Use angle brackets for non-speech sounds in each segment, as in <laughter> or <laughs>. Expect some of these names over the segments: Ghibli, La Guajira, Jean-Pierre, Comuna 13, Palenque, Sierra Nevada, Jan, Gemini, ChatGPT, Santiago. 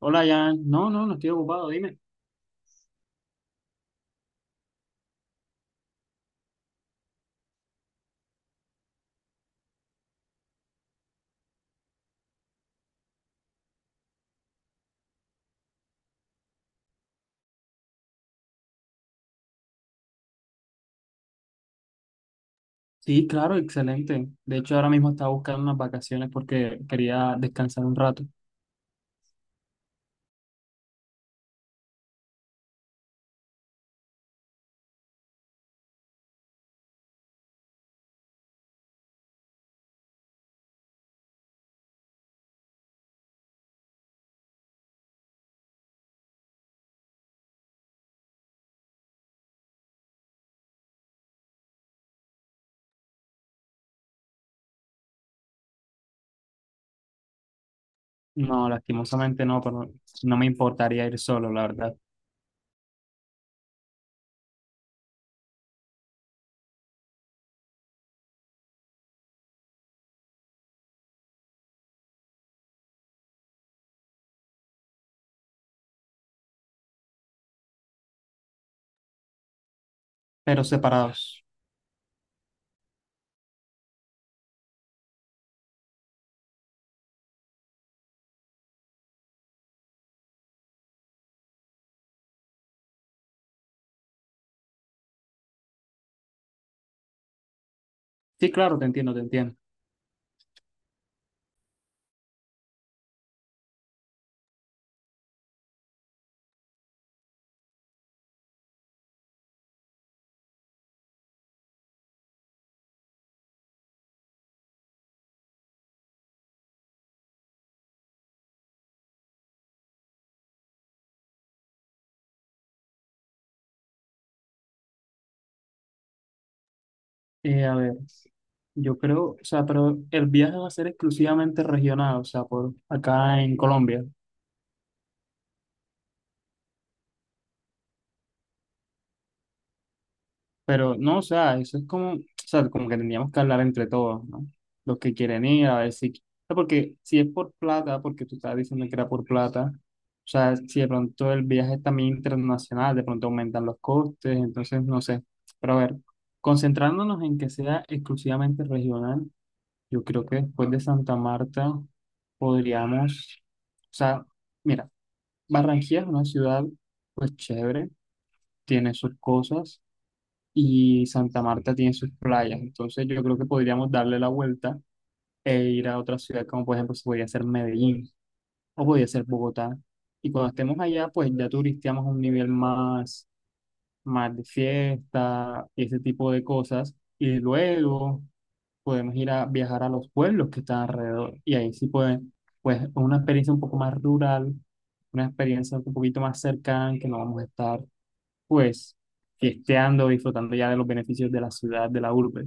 Hola, Jan. No estoy ocupado, dime. Sí, claro, excelente. De hecho, ahora mismo estaba buscando unas vacaciones porque quería descansar un rato. No, lastimosamente no, pero no me importaría ir solo, la verdad. Pero separados. Sí, claro, te entiendo. A ver, yo creo, o sea, pero el viaje va a ser exclusivamente regional, o sea, por acá en Colombia. Pero no, o sea, eso es como, o sea, como que tendríamos que hablar entre todos, ¿no? Los que quieren ir, a ver si, o sea, porque si es por plata, porque tú estabas diciendo que era por plata, o sea, si de pronto el viaje es también internacional, de pronto aumentan los costes, entonces no sé. Pero a ver, concentrándonos en que sea exclusivamente regional, yo creo que después de Santa Marta podríamos, o sea, mira, Barranquilla es una ciudad, pues chévere, tiene sus cosas, y Santa Marta tiene sus playas. Entonces yo creo que podríamos darle la vuelta e ir a otra ciudad, como por ejemplo se podría ser Medellín o podría ser Bogotá. Y cuando estemos allá, pues ya turisteamos a un nivel más, más de fiesta y ese tipo de cosas. Y luego podemos ir a viajar a los pueblos que están alrededor. Y ahí sí pueden, pues una experiencia un poco más rural, una experiencia un poquito más cercana, que no vamos a estar pues fiesteando, disfrutando ya de los beneficios de la ciudad, de la urbe.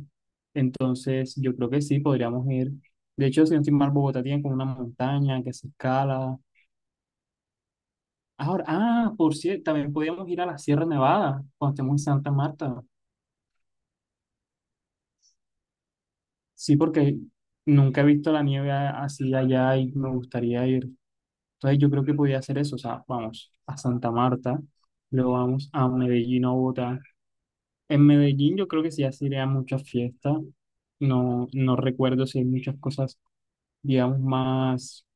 Entonces, yo creo que sí, podríamos ir. De hecho, si no estoy mal, Bogotá tiene como una montaña que se escala. Ahora, ah, por cierto, también podríamos ir a la Sierra Nevada cuando estemos en Santa Marta. Sí, porque nunca he visto la nieve así allá y me gustaría ir. Entonces, yo creo que podría hacer eso. O sea, vamos a Santa Marta, luego vamos a Medellín o Bogotá. En Medellín yo creo que sí así a muchas fiestas. No, no recuerdo si hay muchas cosas, digamos, más,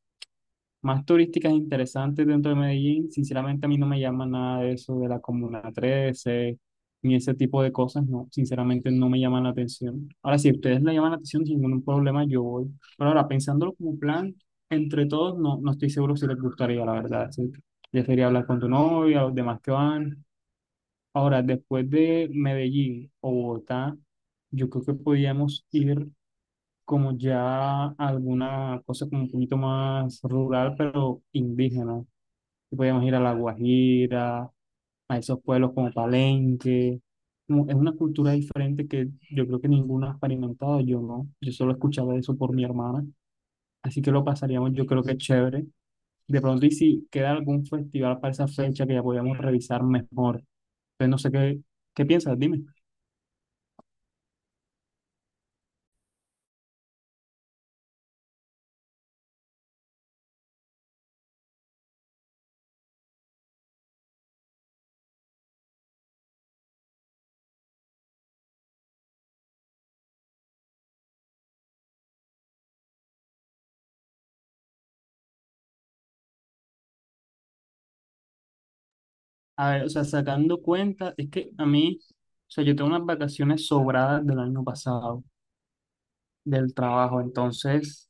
más turísticas interesantes dentro de Medellín. Sinceramente a mí no me llama nada de eso de la Comuna 13 ni ese tipo de cosas. No, sinceramente no me llaman la atención. Ahora, si a ustedes le llaman la atención, sin ningún problema, yo voy. Pero ahora, pensándolo como plan, entre todos, no estoy seguro si les gustaría, la verdad. Sí. Ya sería hablar con tu novia, los demás que van. Ahora, después de Medellín o Bogotá, yo creo que podíamos ir como ya a alguna cosa como un poquito más rural, pero indígena. Y podíamos ir a La Guajira, a esos pueblos como Palenque. Como es una cultura diferente que yo creo que ninguno ha experimentado, yo no. Yo solo escuchaba eso por mi hermana. Así que lo pasaríamos, yo creo que chévere. De pronto, y si queda algún festival para esa fecha, que ya podíamos revisar mejor. Entonces, no sé qué, qué piensas, dime. A ver, o sea, sacando cuenta, es que a mí, o sea, yo tengo unas vacaciones sobradas del año pasado, del trabajo. Entonces,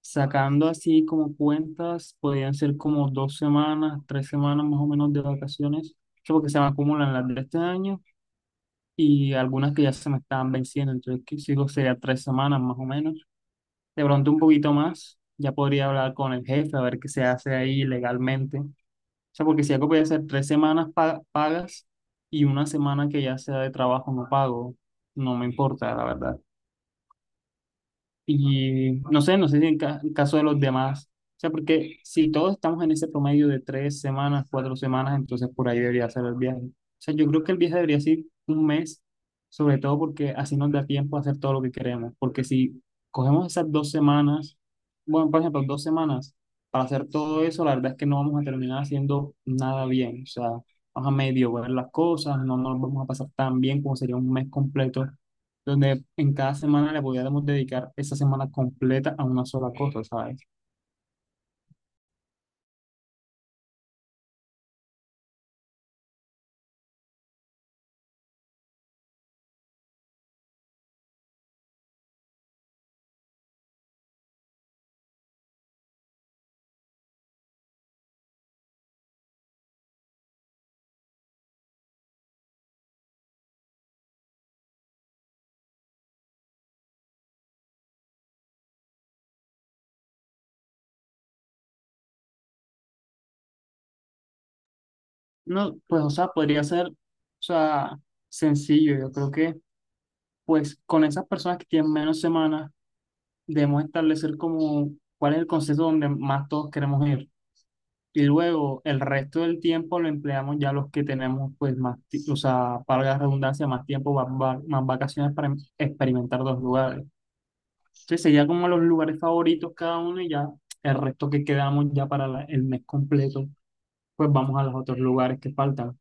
sacando así como cuentas, podrían ser como dos semanas, tres semanas más o menos de vacaciones, que porque se me acumulan las de este año y algunas que ya se me estaban venciendo. Entonces, que sigo sería tres semanas más o menos. De pronto un poquito más, ya podría hablar con el jefe a ver qué se hace ahí legalmente. O sea, porque si algo puede ser tres semanas pagas y una semana que ya sea de trabajo no pago, no me importa, la verdad. Y no sé, no sé si en en caso de los demás. O sea, porque si todos estamos en ese promedio de tres semanas, cuatro semanas, entonces por ahí debería ser el viaje. O sea, yo creo que el viaje debería ser un mes, sobre todo porque así nos da tiempo a hacer todo lo que queremos. Porque si cogemos esas dos semanas, bueno, por ejemplo, dos semanas para hacer todo eso, la verdad es que no vamos a terminar haciendo nada bien. O sea, vamos a medio ver las cosas, no nos vamos a pasar tan bien como sería un mes completo donde en cada semana le pudiéramos dedicar esa semana completa a una sola cosa, ¿sabes? No, pues, o sea, podría ser, o sea, sencillo. Yo creo que, pues, con esas personas que tienen menos semanas, debemos establecer como cuál es el concepto donde más todos queremos ir. Y luego el resto del tiempo lo empleamos ya los que tenemos, pues, más, o sea, para la redundancia, más tiempo, más, más vacaciones para experimentar dos lugares. Sí, sería como los lugares favoritos cada uno, y ya el resto que quedamos ya para el mes completo, pues vamos a los otros lugares que faltan.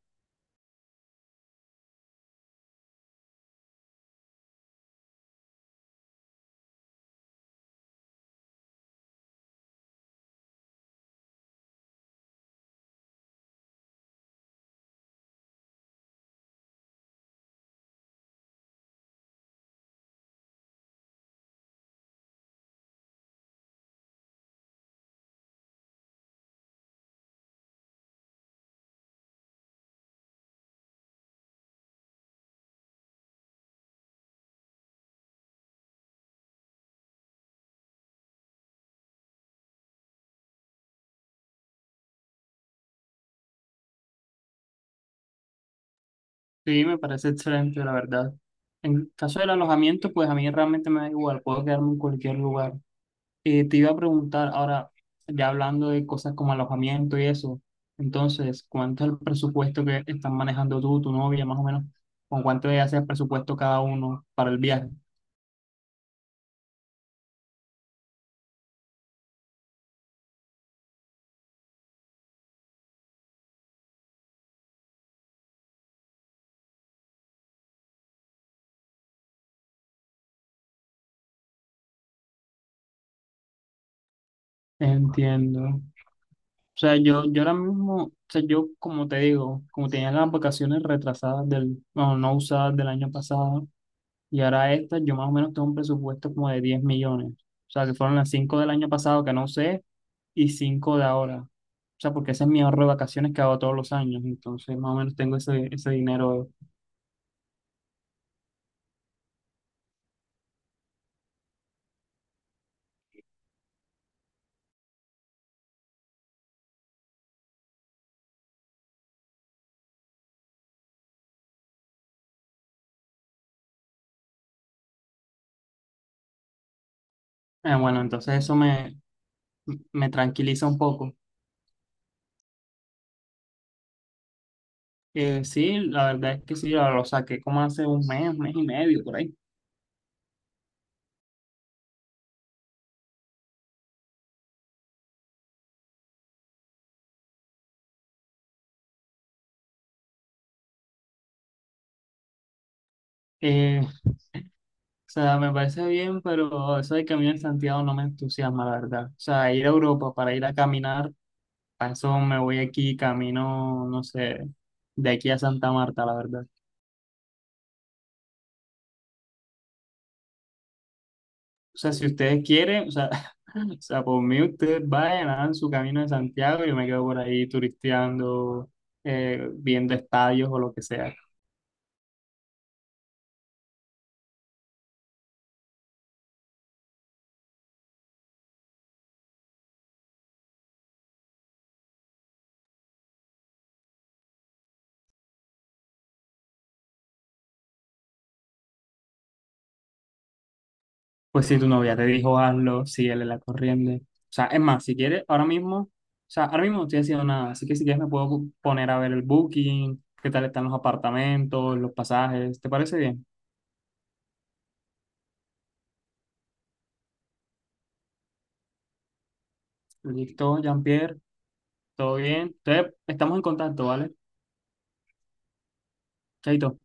Sí, me parece excelente, la verdad. En caso del alojamiento, pues a mí realmente me da igual, puedo quedarme en cualquier lugar. Te iba a preguntar ahora, ya hablando de cosas como alojamiento y eso, entonces, ¿cuánto es el presupuesto que están manejando tú, tu novia, más o menos? ¿Con cuánto ya hace el presupuesto cada uno para el viaje? Entiendo. O sea, yo ahora mismo, o sea, yo como te digo, como tenía las vacaciones retrasadas del, bueno, no usadas del año pasado, y ahora estas, yo más o menos tengo un presupuesto como de 10 millones. O sea, que fueron las 5 del año pasado que no usé y 5 de ahora. O sea, porque ese es mi ahorro de vacaciones que hago todos los años. Entonces, más o menos tengo ese, ese dinero. Bueno, entonces eso me, me tranquiliza un poco. Sí, la verdad es que sí, lo saqué como hace un mes y medio por ahí. Eh, O sea, me parece bien, pero eso de caminar en Santiago no me entusiasma, la verdad. O sea, ir a Europa para ir a caminar, para eso me voy aquí, camino, no sé, de aquí a Santa Marta, la verdad. O sea, si ustedes quieren, o sea, <laughs> o sea, por mí ustedes vayan, hagan su camino de Santiago y yo me quedo por ahí turisteando, viendo estadios o lo que sea. Pues si tu novia te dijo hazlo, síguele la corriente. O sea, es más, si quieres, ahora mismo, o sea, ahora mismo no estoy haciendo nada, así que si quieres me puedo poner a ver el booking, qué tal están los apartamentos, los pasajes, ¿te parece bien? Listo, Jean-Pierre, todo bien. Entonces, estamos en contacto, ¿vale? Chaito.